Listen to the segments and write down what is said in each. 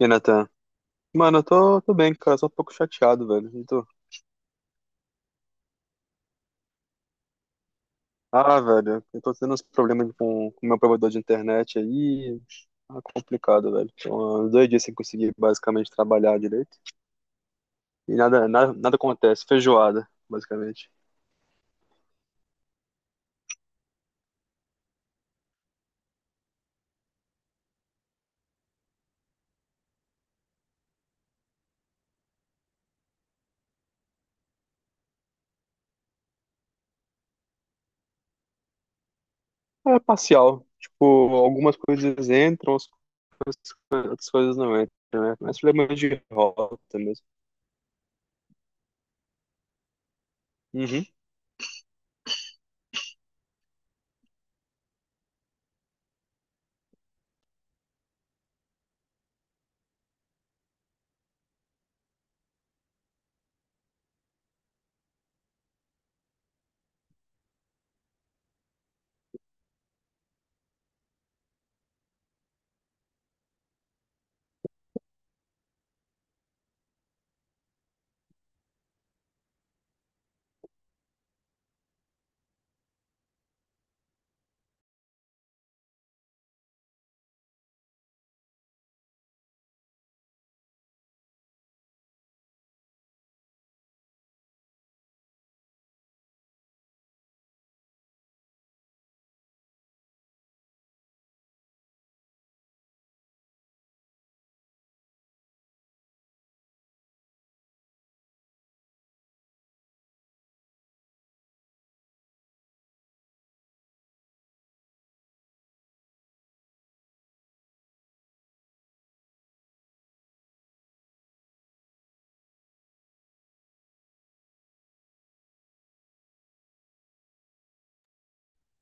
E Natan? Mano, eu tô bem, cara, só um pouco chateado, velho. Eu tô... Ah, velho, eu tô tendo uns problemas com o meu provedor de internet aí. Tá complicado, velho. Tô há 2 dias sem conseguir basicamente trabalhar direito. E nada acontece, feijoada, basicamente. É parcial. Tipo, algumas coisas entram, coisas outras coisas não entram, né? Mas problemas de rota mesmo. Uhum.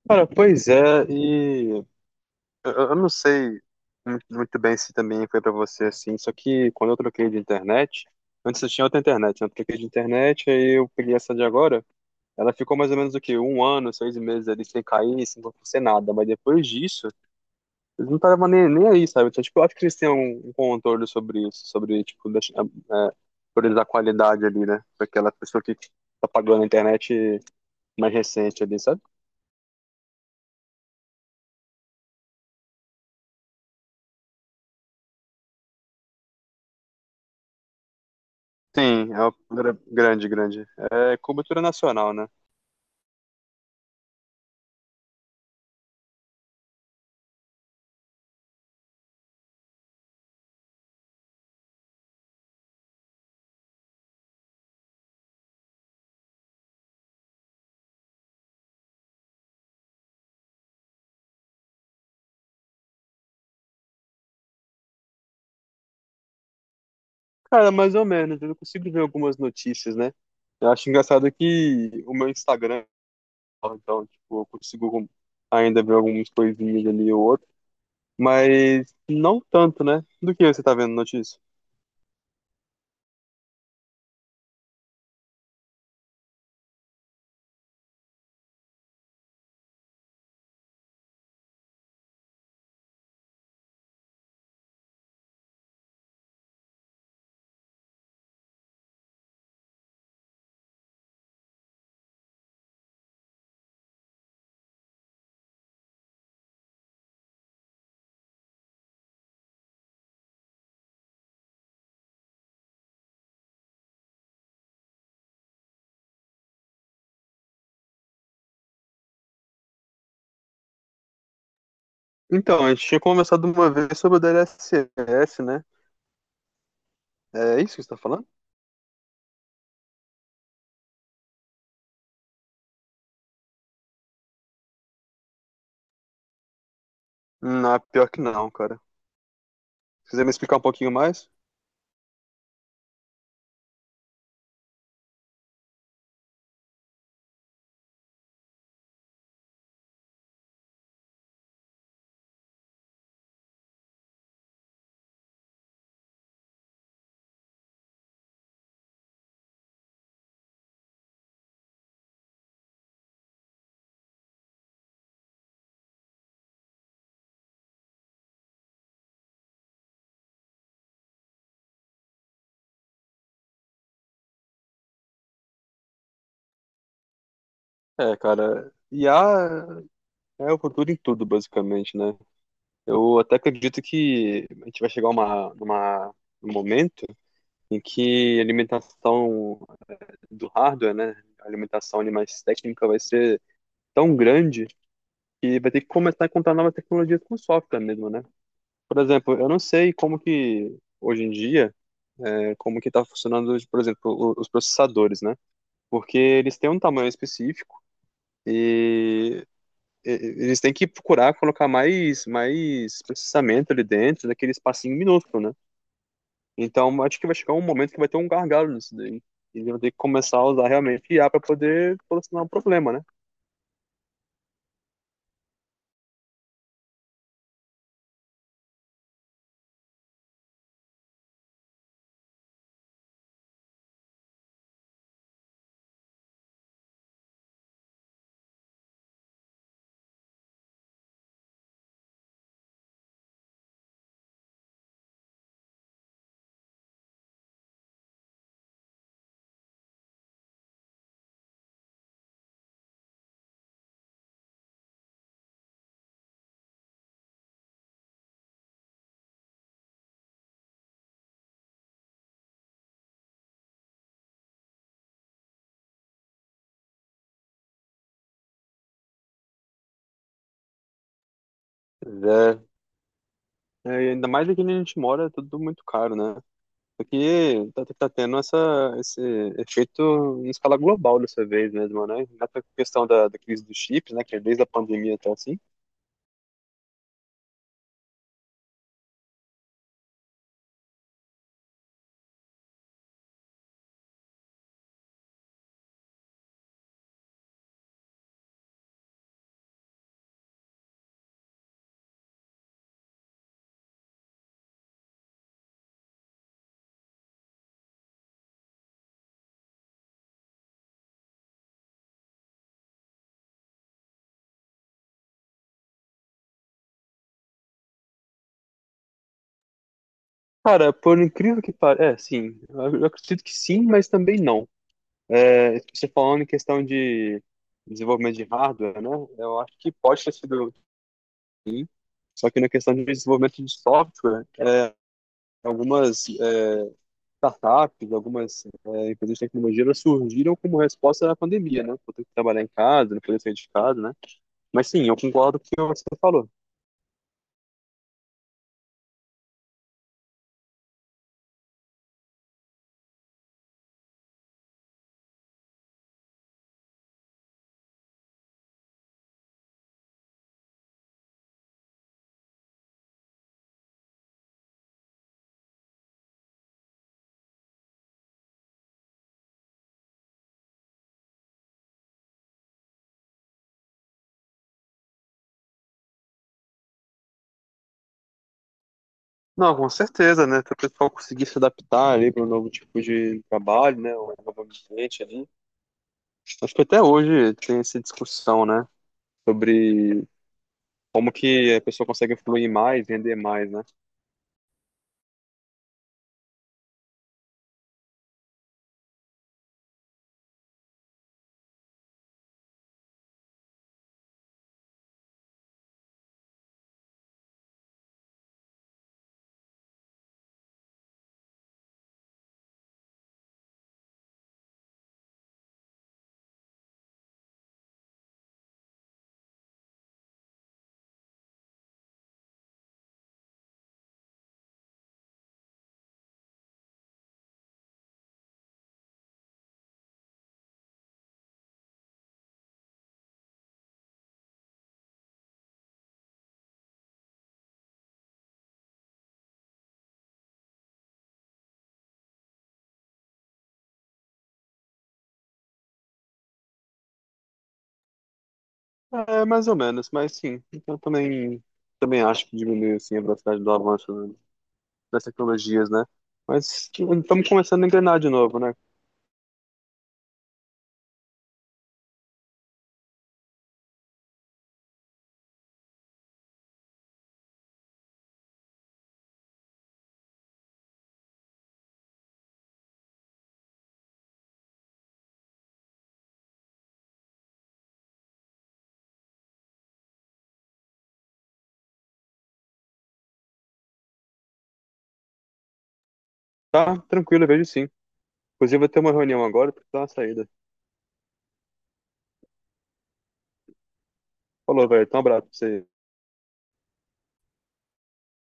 Cara, pois é, e eu não sei muito muito bem se também foi pra você assim, só que quando eu troquei de internet, antes eu tinha outra internet, né? Eu troquei de internet, aí eu peguei essa de agora. Ela ficou mais ou menos o quê? 1 ano, 6 meses ali sem cair, sem acontecer nada. Mas depois disso, eles não estavam nem aí, sabe? Então, tipo, eu acho que eles têm um controle sobre isso, sobre, tipo, deixar, priorizar a qualidade ali, né? Pra aquela pessoa que tá pagando a internet mais recente ali, sabe? Sim, é uma grande. É cobertura nacional, né? Cara, mais ou menos, eu consigo ver algumas notícias, né? Eu acho engraçado que o meu Instagram, então, tipo, eu consigo ainda ver algumas coisinhas ali ou outra, mas não tanto, né? Do que você tá vendo notícia? Então, a gente tinha conversado uma vez sobre o DLSS, né? É isso que você tá falando? Não, pior que não, cara. Se quiser me explicar um pouquinho mais? É, cara, I a é o futuro em tudo, basicamente, né? Eu até acredito que a gente vai chegar a um momento em que a alimentação do hardware, né, a alimentação ali mais técnica vai ser tão grande que vai ter que começar a encontrar nova tecnologia com software mesmo, né? Por exemplo, eu não sei como que hoje em dia, né, como que está funcionando, por exemplo, os processadores, né? Porque eles têm um tamanho específico e e- eles têm que procurar colocar mais processamento ali dentro daquele espacinho minúsculo, né? Então, acho que vai chegar um momento que vai ter um gargalo nisso daí. Eles vão ter que começar a usar realmente I a para poder solucionar o problema, né? Pois é. É, e ainda mais aqui onde a gente mora, é tudo muito caro, né? Aqui tá tendo esse efeito em escala global dessa vez mesmo, né? Na questão da crise dos chips, né? Que é desde a pandemia até assim. Cara, por incrível que pareça, é, sim, eu acredito que sim, mas também não. É, você falando em questão de desenvolvimento de hardware, né? Eu acho que pode ter sido. Só que na questão de desenvolvimento de software, algumas startups, algumas empresas de tecnologia elas surgiram como resposta à pandemia, né? Por ter que trabalhar em casa, não poder sair de casa, né? Mas sim, eu concordo com o que você falou. Não, com certeza, né? Para o pessoal conseguir se adaptar ali para um novo tipo de trabalho, né? Um novo ambiente ali. Acho que até hoje tem essa discussão, né? Sobre como que a pessoa consegue fluir mais, vender mais, né? É, mais ou menos, mas sim, eu também acho que diminui assim, a velocidade do avanço, né, das tecnologias, né? Mas tipo, estamos começando a engrenar de novo, né? Tá, tranquilo, eu vejo sim. Inclusive, eu vou ter uma reunião agora, porque tá uma saída. Falou, velho, então um abraço pra você.